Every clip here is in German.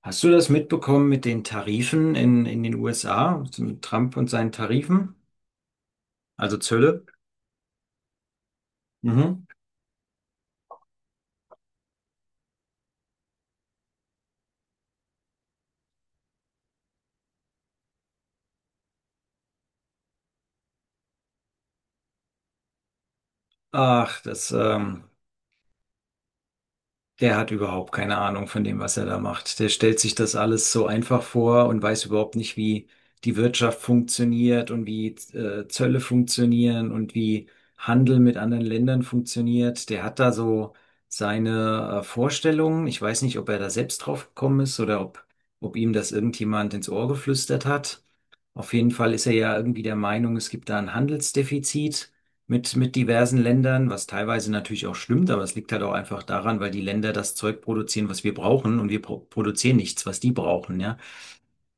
Hast du das mitbekommen mit den Tarifen in den USA, mit Trump und seinen Tarifen, also Zölle? Mhm. Ach, das, ähm, Der hat überhaupt keine Ahnung von dem, was er da macht. Der stellt sich das alles so einfach vor und weiß überhaupt nicht, wie die Wirtschaft funktioniert und wie Zölle funktionieren und wie Handel mit anderen Ländern funktioniert. Der hat da so seine Vorstellungen. Ich weiß nicht, ob er da selbst drauf gekommen ist ob ihm das irgendjemand ins Ohr geflüstert hat. Auf jeden Fall ist er ja irgendwie der Meinung, es gibt da ein Handelsdefizit mit diversen Ländern, was teilweise natürlich auch stimmt, aber es liegt halt auch einfach daran, weil die Länder das Zeug produzieren, was wir brauchen und wir produzieren nichts, was die brauchen, ja.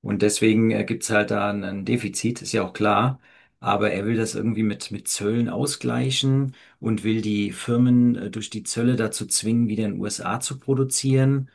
Und deswegen gibt's halt da ein Defizit, ist ja auch klar. Aber er will das irgendwie mit Zöllen ausgleichen und will die Firmen durch die Zölle dazu zwingen, wieder in den USA zu produzieren.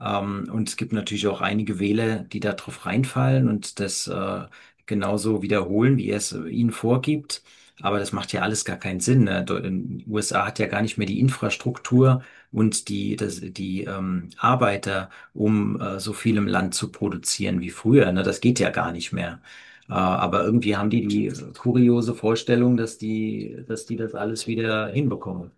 Und es gibt natürlich auch einige Wähler, die da drauf reinfallen und das genauso wiederholen, wie er es ihnen vorgibt. Aber das macht ja alles gar keinen Sinn. Ne? USA hat ja gar nicht mehr die Infrastruktur und die Arbeiter um so viel im Land zu produzieren wie früher. Ne? Das geht ja gar nicht mehr. Aber irgendwie haben die kuriose Vorstellung, dass die das alles wieder hinbekommen.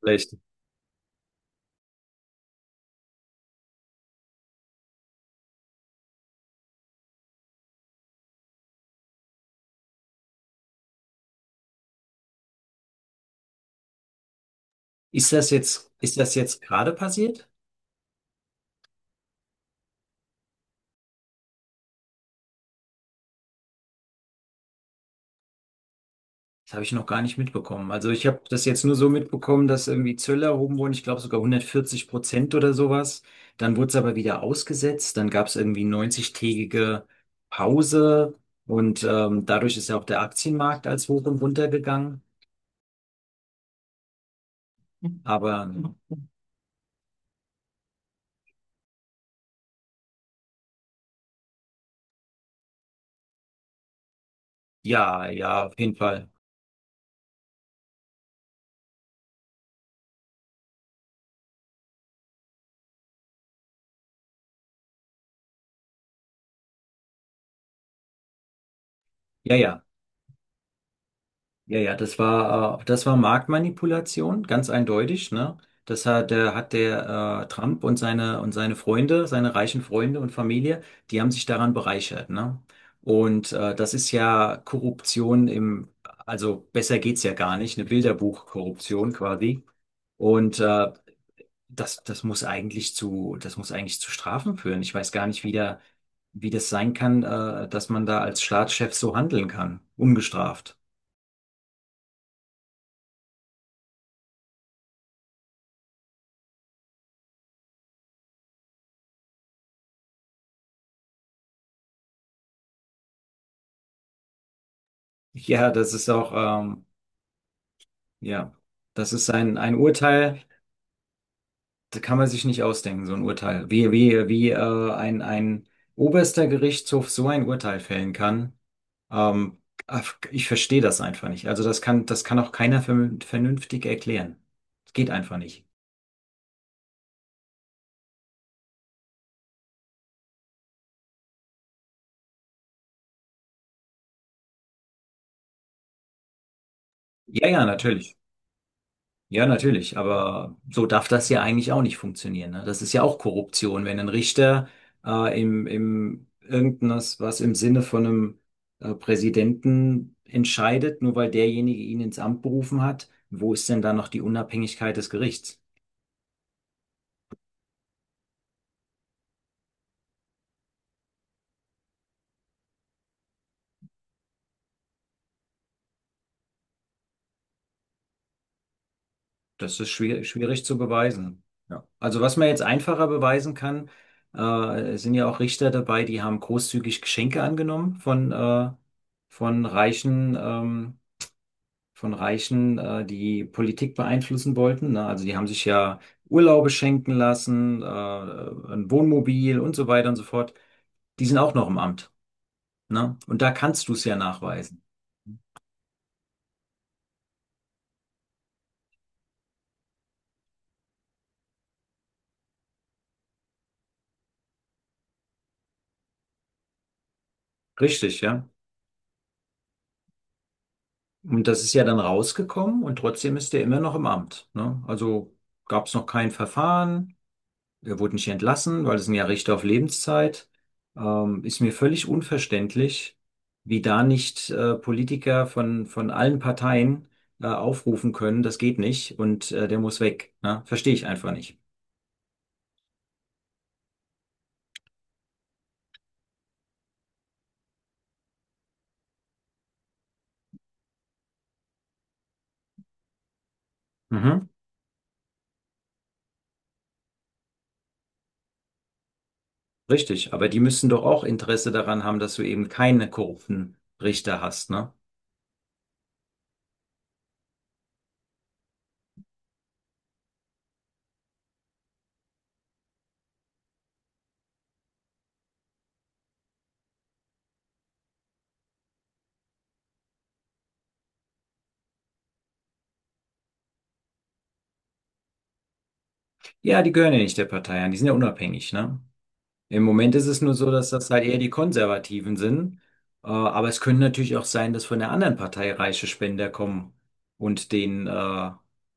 Vielleicht. Ist das jetzt gerade passiert? Das habe ich noch gar nicht mitbekommen. Also ich habe das jetzt nur so mitbekommen, dass irgendwie Zölle erhoben wurden, ich glaube sogar 140% oder sowas. Dann wurde es aber wieder ausgesetzt, dann gab es irgendwie 90-tägige Pause und dadurch ist ja auch der Aktienmarkt als hoch und runter gegangen. Aber ja, ja, auf jeden Fall. Ja, ja, ja, ja, das war Marktmanipulation, ganz eindeutig, ne? Das hat, hat der Trump und seine Freunde, seine reichen Freunde und Familie, die haben sich daran bereichert, ne? Und das ist ja Korruption im, also besser geht's ja gar nicht, eine Bilderbuchkorruption quasi. Und äh, Das, das muss eigentlich zu Strafen führen. Ich weiß gar nicht, wie das sein kann, dass man da als Staatschef so handeln kann, ungestraft. Ja, das ist auch, ähm, ja, das ist ein Urteil, da kann man sich nicht ausdenken, so ein Urteil. Ein oberster Gerichtshof so ein Urteil fällen kann, ähm, ach, ich verstehe das einfach nicht. Also das kann auch keiner vernünftig erklären. Das geht einfach nicht. Ja, ja, natürlich. Ja, natürlich, aber so darf das ja eigentlich auch nicht funktionieren. Ne? Das ist ja auch Korruption, wenn ein Richter im irgendwas, was im Sinne von einem Präsidenten entscheidet, nur weil derjenige ihn ins Amt berufen hat, wo ist denn da noch die Unabhängigkeit des Gerichts? Das ist schwierig, schwierig zu beweisen. Ja. Also was man jetzt einfacher beweisen kann, es sind ja auch Richter dabei, die haben großzügig Geschenke angenommen von reichen ähm, von Reichen, die Politik beeinflussen wollten. Ne? Also die haben sich ja Urlaube schenken lassen, ein Wohnmobil und so weiter und so fort. Die sind auch noch im Amt. Ne? Und da kannst du es ja nachweisen. Richtig, ja. Und das ist ja dann rausgekommen und trotzdem ist der immer noch im Amt. Ne? Also gab es noch kein Verfahren. Er wurde nicht entlassen, weil es sind ja Richter auf Lebenszeit. Ist mir völlig unverständlich, wie da nicht Politiker von allen Parteien aufrufen können, das geht nicht und der muss weg. Ne? Verstehe ich einfach nicht. Mhm. Richtig, aber die müssen doch auch Interesse daran haben, dass du eben keine korrupten Richter hast, ne? Ja, die gehören ja nicht der Partei an, die sind ja unabhängig, ne? Im Moment ist es nur so, dass das halt eher die Konservativen sind. Aber es können natürlich auch sein, dass von der anderen Partei reiche Spender kommen und denen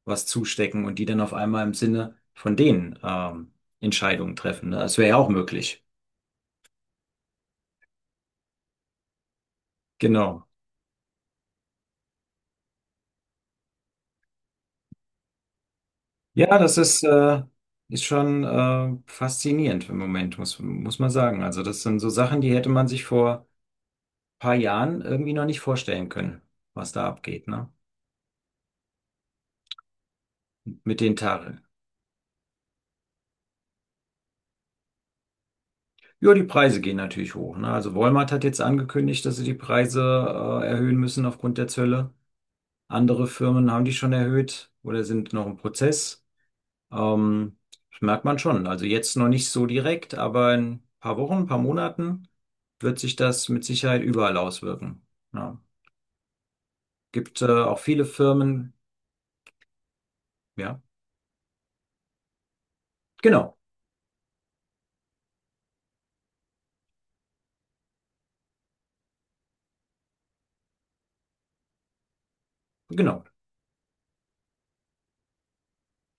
was zustecken und die dann auf einmal im Sinne von denen Entscheidungen treffen. Ne? Das wäre ja auch möglich. Genau. Ja, ist schon faszinierend im Moment, muss man sagen. Also das sind so Sachen, die hätte man sich vor ein paar Jahren irgendwie noch nicht vorstellen können, was da abgeht, ne? Mit den Tar ja, die Preise gehen natürlich hoch. Ne? Also Walmart hat jetzt angekündigt, dass sie die Preise erhöhen müssen aufgrund der Zölle. Andere Firmen haben die schon erhöht oder sind noch im Prozess. Ähm, Das merkt man schon. Also jetzt noch nicht so direkt, aber in ein paar Wochen, ein paar Monaten wird sich das mit Sicherheit überall auswirken. Ja. Gibt auch viele Firmen, ja, genau, genau.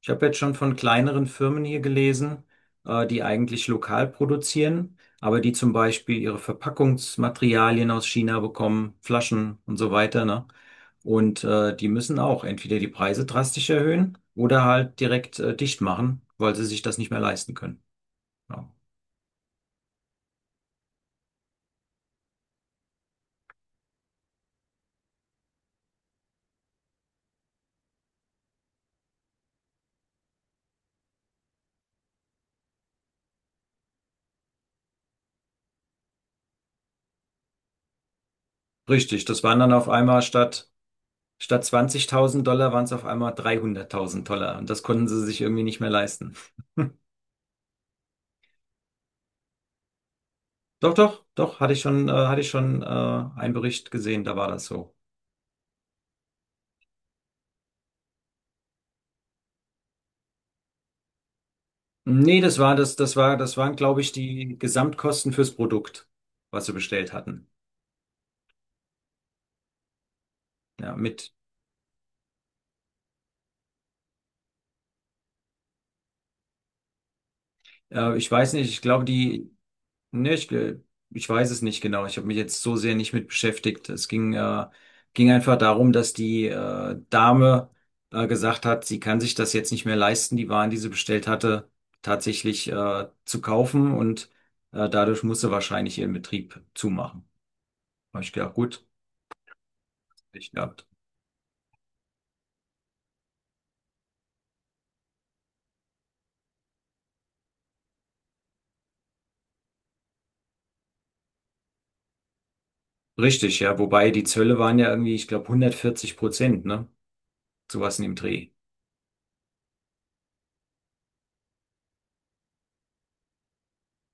Ich habe jetzt schon von kleineren Firmen hier gelesen, die eigentlich lokal produzieren, aber die zum Beispiel ihre Verpackungsmaterialien aus China bekommen, Flaschen und so weiter, ne? Und die müssen auch entweder die Preise drastisch erhöhen oder halt direkt dicht machen, weil sie sich das nicht mehr leisten können. Ja. Richtig, das waren dann statt 20.000 $ waren es auf einmal 300.000 $ und das konnten sie sich irgendwie nicht mehr leisten. Doch, doch, doch, hatte ich schon einen Bericht gesehen, da war das so. Nee, das waren, glaube ich, die Gesamtkosten fürs Produkt, was sie bestellt hatten. Ja, ich weiß nicht, ich glaube, die, ne, ich, gl- ich weiß es nicht genau. Ich habe mich jetzt so sehr nicht mit beschäftigt. Ging einfach darum, dass die Dame gesagt hat, sie kann sich das jetzt nicht mehr leisten, die Waren, die sie bestellt hatte, tatsächlich zu kaufen und dadurch musste wahrscheinlich ihren Betrieb zumachen. Hab ich gedacht, gut, ich gehabt. Richtig, ja. Wobei die Zölle waren ja irgendwie, ich glaube, 140%, ne? Sowas in dem Dreh.